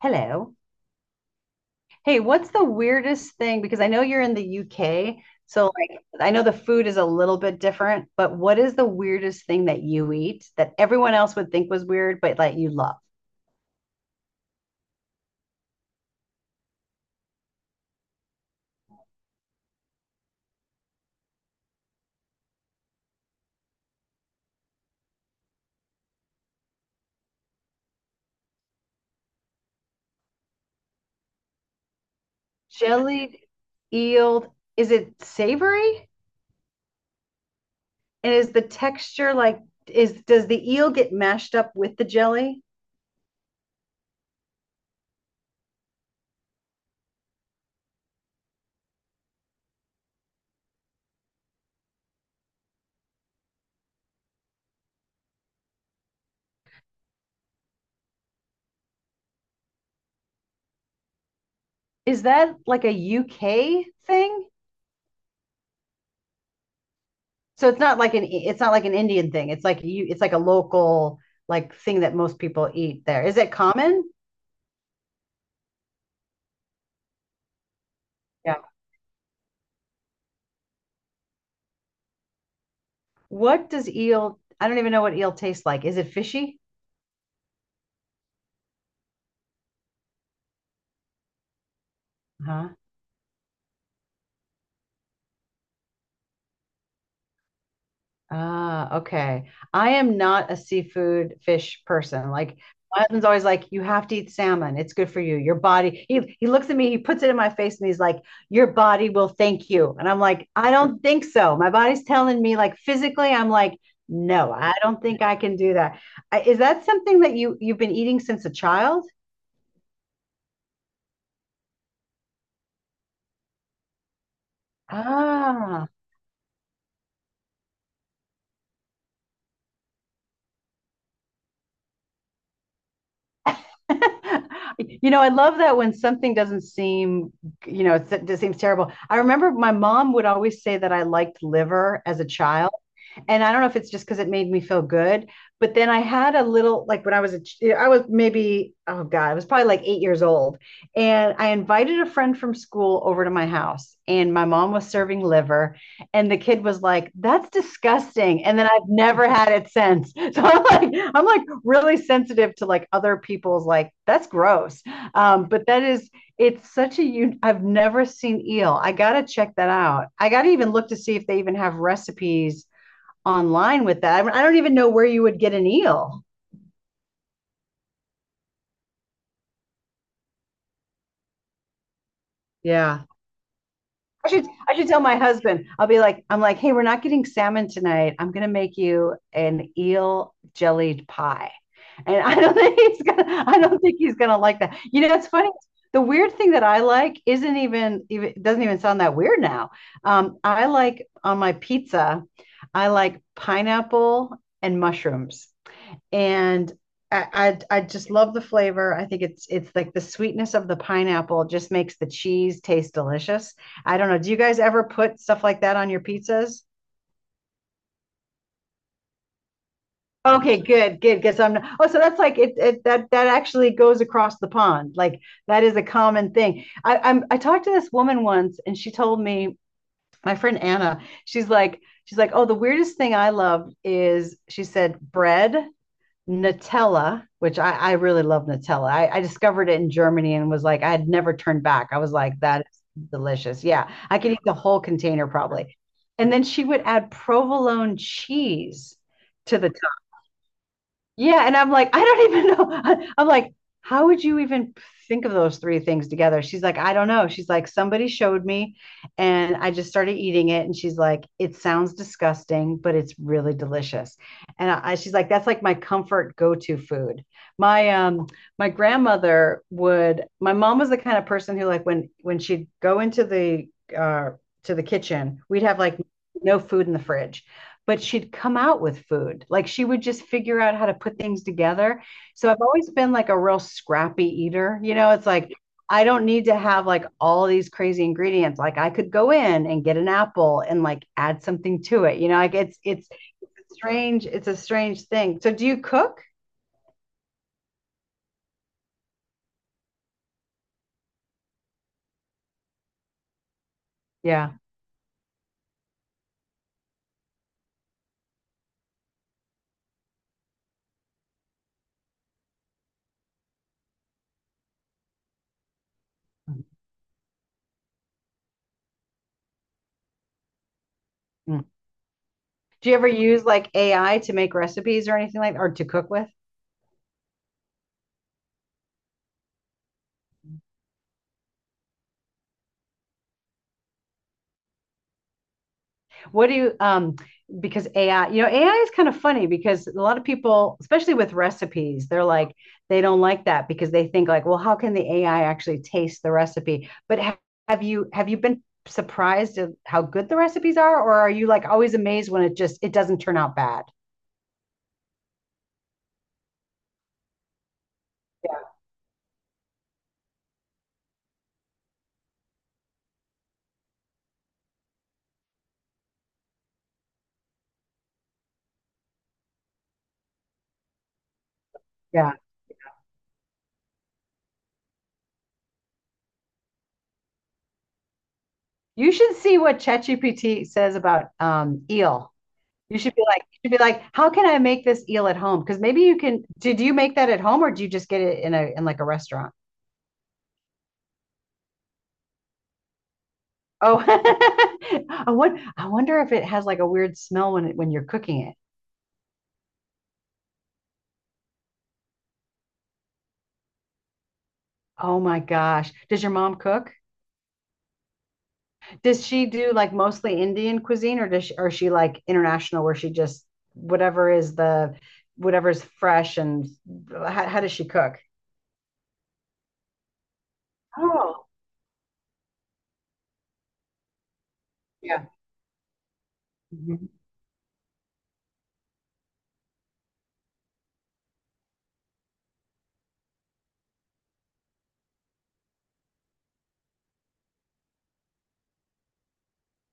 Hello. Hey, what's the weirdest thing? Because I know you're in the UK, so like I know the food is a little bit different, but what is the weirdest thing that you eat that everyone else would think was weird, but that you love? Jellied eel, is it savory? And is the texture like is does the eel get mashed up with the jelly? Is that like a UK thing? So it's not like an Indian thing. It's like you it's like a local like thing that most people eat there. Is it common? Yeah. What does eel I don't even know what eel tastes like. Is it fishy? Huh? Ah, okay. I am not a seafood fish person. Like my husband's always like, you have to eat salmon. It's good for you. Your body. He looks at me, he puts it in my face, and he's like, your body will thank you. And I'm like, I don't think so. My body's telling me, like physically, I'm like, no, I don't think I can do that. Is that something that you've been eating since a child? Ah. You know, I love that when something doesn't seem, you know, it seems terrible. I remember my mom would always say that I liked liver as a child and I don't know if it's just because it made me feel good, but then I had a little like when I was a I was maybe oh god I was probably like 8 years old, and I invited a friend from school over to my house, and my mom was serving liver, and the kid was like that's disgusting, and then I've never had it since. So I'm like really sensitive to like other people's like that's gross, but that is it's such a you I've never seen eel. I gotta check that out. I gotta even look to see if they even have recipes online with that. Don't even know where you would get an eel. Yeah. I should tell my husband. I'll be like, I'm like, hey, we're not getting salmon tonight. I'm gonna make you an eel jellied pie. And I don't think he's gonna I don't think he's gonna like that. You know, it's funny. The weird thing that I like isn't even doesn't even sound that weird now. I like on my pizza, I like pineapple and mushrooms. And I just love the flavor. I think it's like the sweetness of the pineapple just makes the cheese taste delicious. I don't know. Do you guys ever put stuff like that on your pizzas? Okay, good, good. Because I'm not, oh, so that's like it that that actually goes across the pond. Like that is a common thing. I talked to this woman once, and she told me my friend Anna. She's like she's like, oh, the weirdest thing I love is she said bread Nutella, which I really love Nutella. I discovered it in Germany and was like, I had never turned back. I was like, that is delicious. Yeah, I could eat the whole container probably. And then she would add provolone cheese to the yeah, and I'm like, I don't even know. I'm like, how would you even think of those three things together? She's like, I don't know. She's like, somebody showed me and I just started eating it. And she's like, it sounds disgusting, but it's really delicious. And she's like, that's like my comfort go-to food. My my grandmother would, my mom was the kind of person who like when she'd go into the uh to the kitchen, we'd have like no food in the fridge but she'd come out with food. Like she would just figure out how to put things together. So I've always been like a real scrappy eater. You know, it's like I don't need to have like all these crazy ingredients. Like I could go in and get an apple and like add something to it. You know, like it's strange. It's a strange thing. So do you cook? Yeah. Mm. Do you ever use like AI to make recipes or anything like that, or to cook with? What do you because AI, you know, AI is kind of funny because a lot of people, especially with recipes, they're like they don't like that because they think like, well, how can the AI actually taste the recipe? But have you been surprised at how good the recipes are or are you like always amazed when it just it doesn't turn out bad? Yeah. Yeah. You should see what ChatGPT says about eel. You should be like, how can I make this eel at home? Because maybe you can did you make that at home or do you just get it in a in like a restaurant? Oh, I wonder if it has like a weird smell when you're cooking it. Oh my gosh. Does your mom cook? Does she do like mostly Indian cuisine or does she, or is she like international where she just whatever is the whatever's fresh and how does she cook? Oh, yeah. Mhm.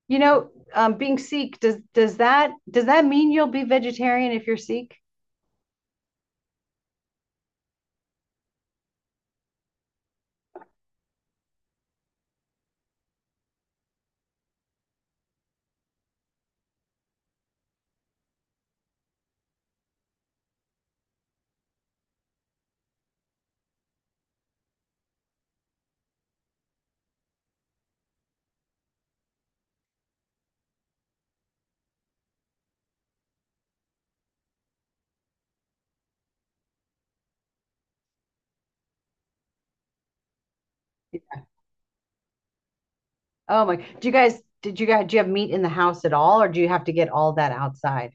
You know, being Sikh, does that mean you'll be vegetarian if you're Sikh? Oh my. Do you guys did you guys do you have meat in the house at all or do you have to get all that outside?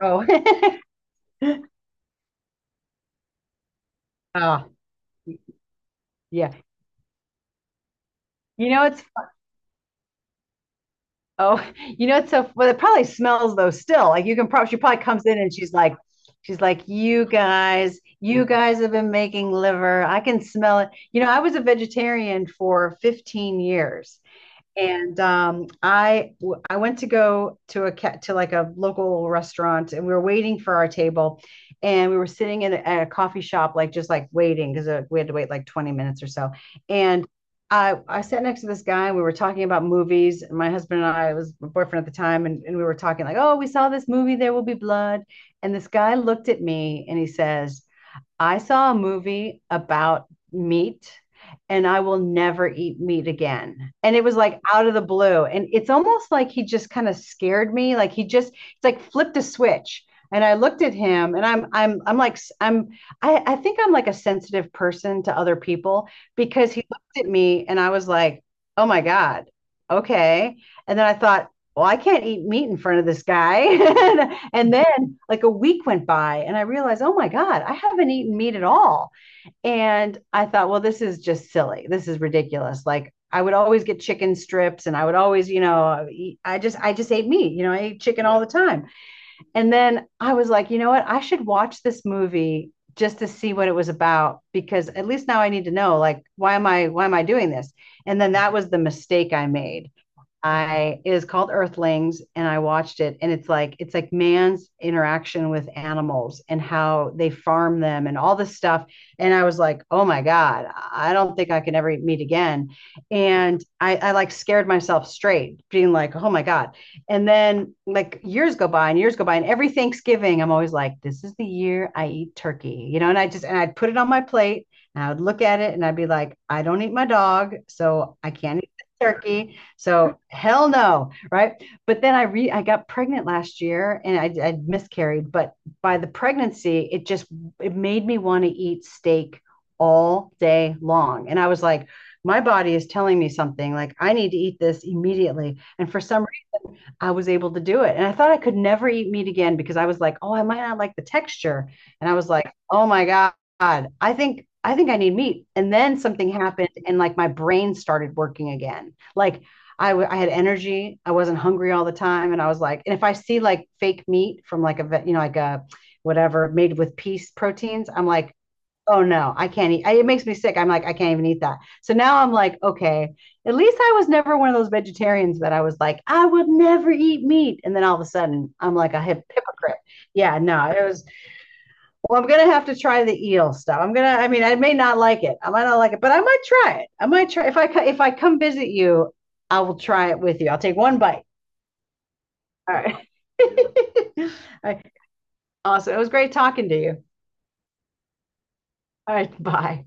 Oh. Oh, yeah. You know it's oh, you know it's so well. It probably smells though still. Like you can probably she probably comes in and she's like, you guys have been making liver. I can smell it. You know, I was a vegetarian for 15 years, and I went to go to a to like a local restaurant, and we were waiting for our table, and we were sitting in a, at a coffee shop, like just like waiting because we had to wait like 20 minutes or so. And I sat next to this guy, and we were talking about movies. And my husband and I it was my boyfriend at the time, and we were talking like, oh, we saw this movie, There Will Be Blood, and this guy looked at me and he says, I saw a movie about meat and I will never eat meat again. And it was like out of the blue. And it's almost like he just kind of scared me. Like he just, it's like flipped a switch. And I looked at him and I'm like, I'm, I think I'm like a sensitive person to other people because he looked at me and I was like, oh my God, okay. And then I thought, well, I can't eat meat in front of this guy. And then like a week went by and I realized, oh my God, I haven't eaten meat at all. And I thought, well, this is just silly. This is ridiculous. Like I would always get chicken strips and I would always, you know, I just ate meat, you know, I ate chicken all the time. And then I was like, you know what? I should watch this movie just to see what it was about because at least now I need to know like why am I doing this? And then that was the mistake I made I it is called Earthlings, and I watched it, and it's like man's interaction with animals and how they farm them and all this stuff. And I was like, oh my god, I don't think I can ever meet again. And I like scared myself straight, being like, oh my god. And then like years go by, and every Thanksgiving, I'm always like, this is the year I eat turkey, you know. And I just and I'd put it on my plate, and I would look at it, and I'd be like, I don't eat my dog, so I can't eat turkey so hell no, right? But then I got pregnant last year and I miscarried, but by the pregnancy, it just it made me want to eat steak all day long. And I was like, my body is telling me something like I need to eat this immediately. And for some I was able to do it. And I thought I could never eat meat again because I was like, oh, I might not like the texture. And I was like, oh my God, I think I need meat. And then something happened and like my brain started working again. Like I had energy. I wasn't hungry all the time. And I was like, and if I see like fake meat from like a, you know, like a whatever made with peace proteins, I'm like, oh no, I can't eat. It makes me sick. I'm like, I can't even eat that. So now I'm like, okay, at least I was never one of those vegetarians that I was like, I would never eat meat. And then all of a sudden, I'm like a hypocrite. Yeah, no, it was, well, I'm going to have to try the eel stuff. I'm going to, I mean, I may not like it. I might not like it, but I might try it. I might try, if I come visit you, I will try it with you. I'll take one bite. All right. All right. Awesome. It was great talking to you. All right. Bye.